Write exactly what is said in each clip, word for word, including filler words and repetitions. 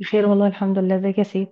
بخير والله الحمد لله. ازيك يا سيف؟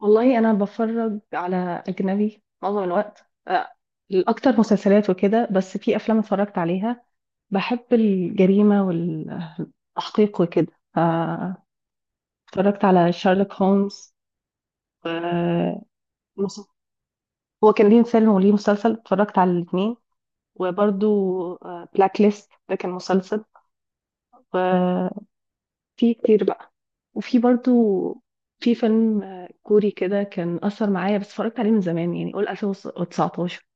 والله انا بفرج على اجنبي معظم الوقت، آه، الاكتر مسلسلات وكده، بس في افلام اتفرجت عليها. بحب الجريمه والتحقيق وكده ف- اتفرجت على شارلوك هولمز، و- مس- هو كان ليه فيلم وليه مسلسل، اتفرجت على الاثنين. وبرده بلاك ليست ده كان مسلسل. في كتير بقى، وفي برضو في فيلم آه، كوري كده كان أثر معايا، بس اتفرجت عليه من زمان يعني، قول ألفين وتسعطاشر.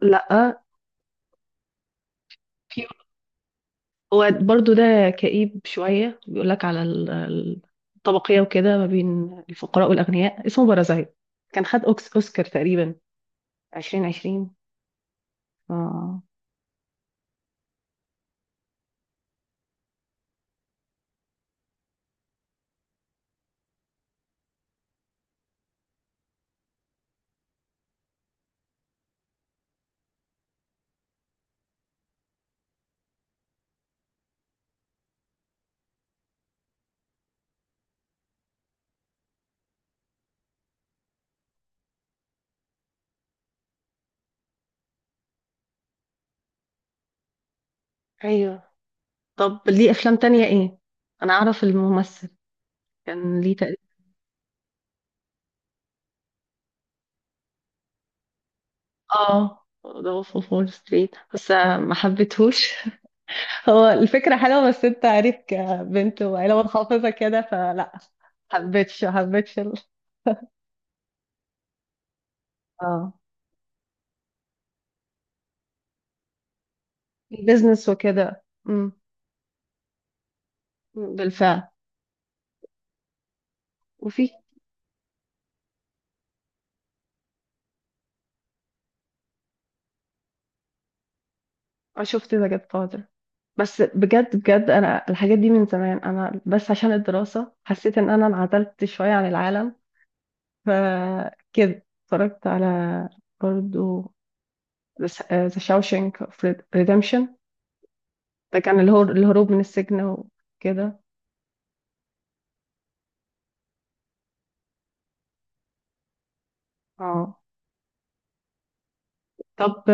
لأ، في، هو برضو ده كئيب شوية، بيقول لك على ال- ال- الطبقية وكده، ما بين الفقراء والأغنياء، اسمه بارازايت. كان خد أوكس أوسكار تقريبا ألفين وعشرين. آه. أيوه، طب ليه أفلام تانية إيه؟ أنا أعرف الممثل، كان ليه تقريبا. آه، ده وولف أوف وول ستريت، بس آه، ما حبيتهوش. هو الفكرة حلوة، بس انت عارف، كبنت وعيلة متحفظة كده فلا حبيتش حبيتش ال- اه، البيزنس وكده. أمم، بالفعل. وفي، أنا شفت ذا جاد فاذر، بس بجد بجد انا الحاجات دي من زمان، انا بس عشان الدراسة حسيت ان انا انعزلت شوية عن العالم، فكده اتفرجت على برضو ذا شاوشنك اوف ريدمشن. ده كان الهر- الهروب من السجن وكده. اه، طب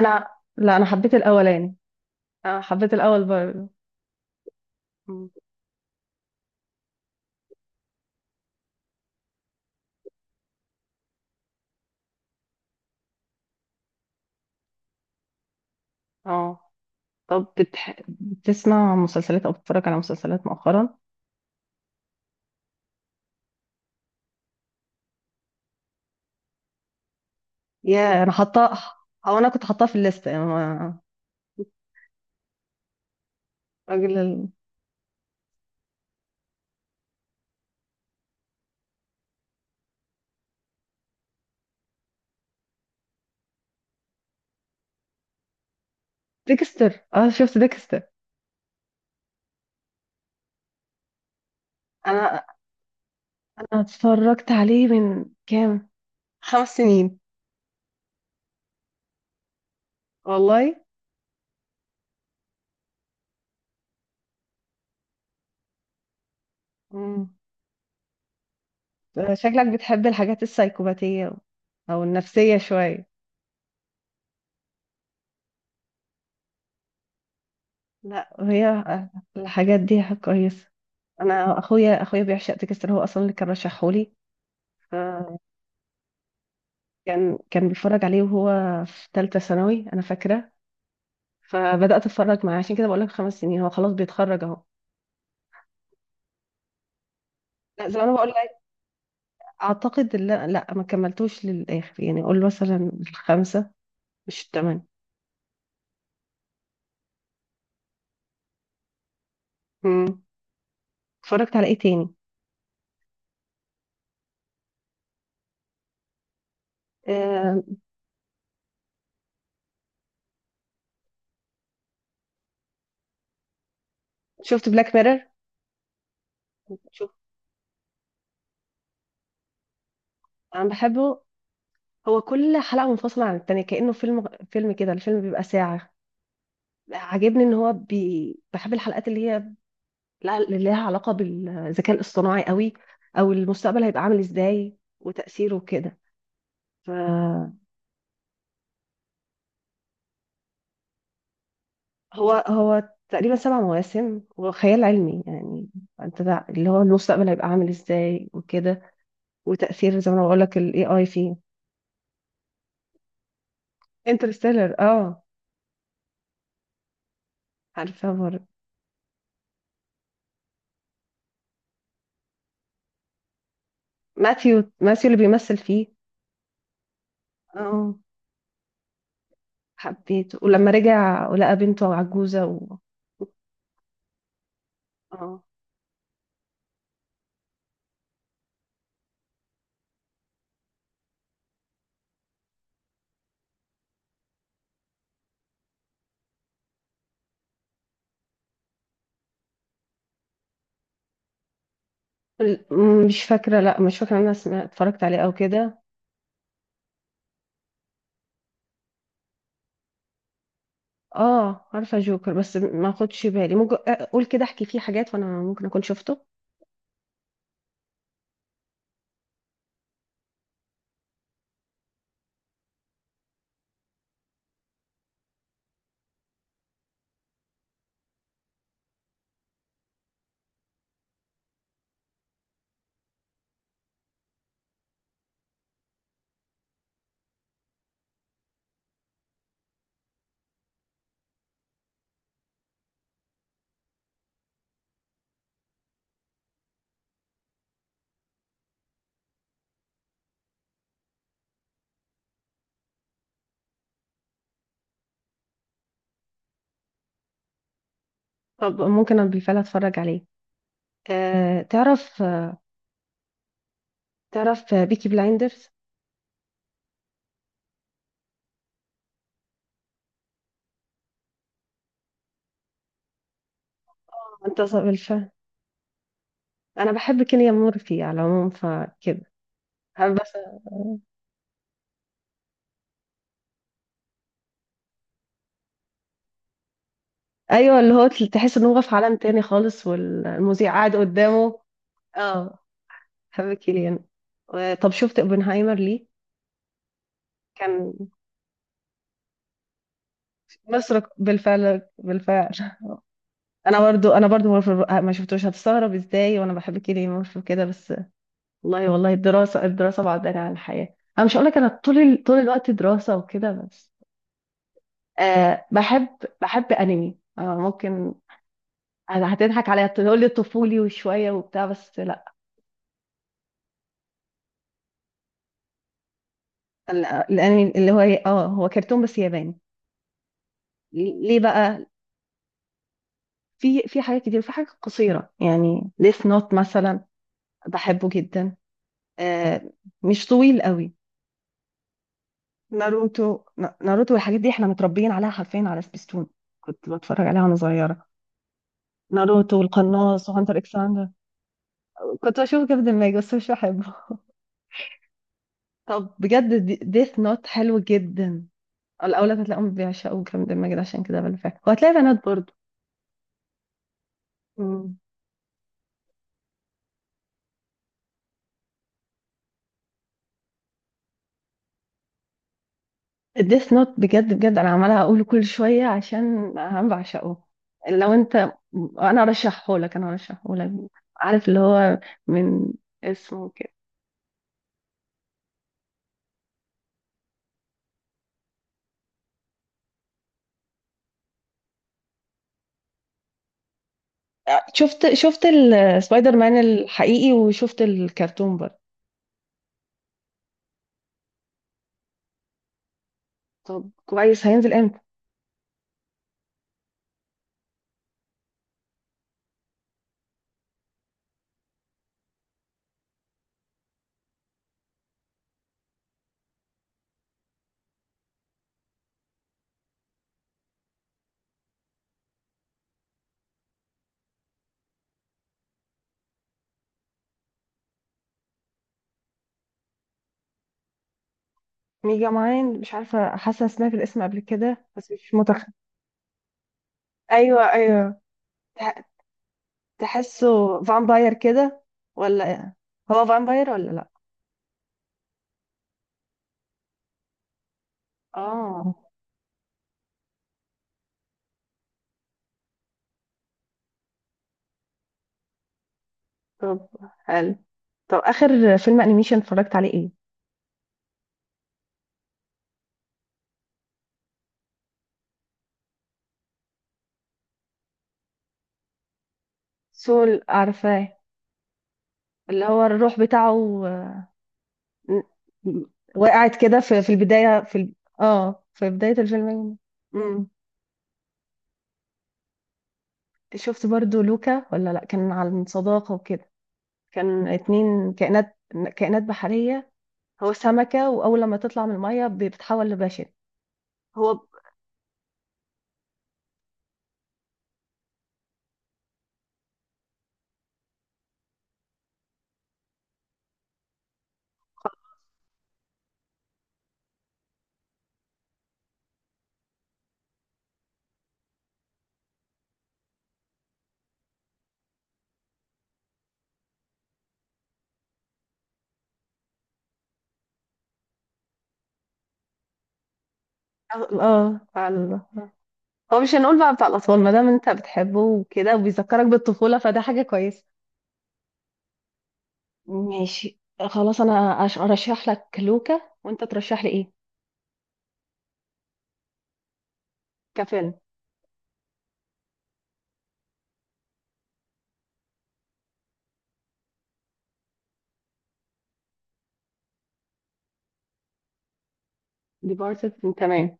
انا، لا، انا حبيت الاولاني. انا حبيت الاول برضه. مم. اه، طب بتح... بتسمع مسلسلات او بتتفرج على مسلسلات مؤخرا؟ يا انا حاطاه، او انا كنت حاطاه في الليسته يعني ما- راجل ال... ديكستر، اه، شفت ديكستر. انا انا اتفرجت عليه من كام، خمس سنين. والله. مم. شكلك بتحب الحاجات السايكوباتيه، او النفسيه شويه. لا، هي الحاجات دي كويسه. انا اخويا اخويا بيعشق ديكستر، هو اصلا اللي كان رشحهولي. فكان كان بيتفرج عليه وهو في ثالثه ثانوي، انا فاكره. فبدات اتفرج معاه، عشان كده بقول لك خمس سنين. هو خلاص بيتخرج اهو. لا، زي ما انا بقول لك، اعتقد، لا لا، ما كملتوش للاخر، يعني اقول مثلا الخمسه مش الثمانيه. امم اتفرجت على ايه تاني؟ آه، شفت بلاك ميرور. شوف، انا بحبه. هو كل حلقه منفصله عن التانيه، كانه فيلم. فيلم كده، الفيلم بيبقى ساعه. عاجبني ان هو بي... بحب الحلقات اللي هي، لا، لها علاقة بالذكاء الاصطناعي قوي، او المستقبل هيبقى عامل ازاي وتأثيره كده. فهو هو تقريبا سبع مواسم، وخيال علمي يعني، انت ده اللي هو المستقبل هيبقى عامل ازاي وكده، وتأثير زي ما انا بقول لك الاي اي فيه. انترستيلر، اه، عارفه برضه. ماثيو ماثيو اللي بيمثل فيه. اه، حبيته ولما رجع ولقى بنته عجوزة و... اه، ال- مش فاكرة، لا، مش فاكرة إن انا سمعت اتفرجت عليه او كده. اه، عارفه جوكر، بس ما خدش بالي، ممكن اقول كده احكي فيه حاجات وانا ممكن اكون شفته. طب ممكن انا بالفعل اتفرج عليه. آه، تعرف، آه تعرف بيكي بلايندرز؟ آه، انت ص- بالفعل، انا بحب كيليان مورفي على العموم فكده. بحب بس. ايوه، اللي هو تحس انه هو في عالم تاني خالص، والمذيع قاعد قدامه. اه، بحب كيليان و- طب شفت اوبنهايمر ليه؟ كان مسرق بالفعل، بالفعل. انا برضو انا برضو مورفر ما شفتوش. هتستغرب ازاي وانا بحب كيليان مورفي كده بس. والله والله، الدراسه الدراسه بعدنا عن الحياه. انا مش هقول لك انا طول ال- طول الوقت دراسه وكده بس. أه بحب بحب انمي، أه ممكن هتضحك عليا تقول لي طفولي وشويه وبتاع، بس لا. ال- الانمي اللي هو إيه؟ اه، هو كرتون بس ياباني. ليه بقى، في في حاجات كتير، في حاجات قصيره يعني، ديث نوت مثلا، بحبه جدا. أه مش طويل قوي. ناروتو، نا- ناروتو والحاجات دي احنا متربيين عليها حرفيا على سبيستون، كنت بتفرج عليها وانا صغيره. ناروتو والقناص وهانتر اكس هانتر. كنت بشوف كابتن ماجد بس مش بحبه. طب بجد، ديث نوت حلو جدا. الاولاد هتلاقيهم بيعشقوا كابتن ماجد، عشان كده بقى فاهم، وهتلاقي بنات برضه. مم. الديث نوت بجد بجد انا عماله اقوله كل شويه، عشان انا بعشقه. لو انت، انا ارشحه لك، انا ارشحه لك، عارف اللي هو من اسمه كده. شفت شفت السبايدر مان الحقيقي، وشفت الكرتون برضه. طب كويس، هينزل امتى؟ ميجا ماين، مش عارفه، حاسه سمعت الاسم قبل كده، بس مش متخ. ايوه، ايوه، تح- تحسه فامباير كده، ولا إيه؟ هو فامباير ولا لا؟ اه، طب حلو. طب اخر فيلم انيميشن اتفرجت عليه ايه؟ سول، عارفاه. اللي هو الروح بتاعه، آه، وقعت كده في في البدايه، في ال... اه، في بدايه الفيلم. مم. شفت برضو لوكا، ولا لا، كان عن صداقة وكده، كان اتنين كائنات، كائنات بحرية. هو سمكة، وأول لما تطلع من المية ب- بتتحول لبشر. هو ب-. اه، بتاع ال- هو مش هنقول بقى بتاع الأطفال، ما دام انت بتحبه وكده وبيذكرك بالطفولة، فده حاجة كويسة. ماشي، خلاص، أنا أش- أرشح لك لوكا، وأنت ترشح لي إيه؟ كفيلم ديبارتد. تمام.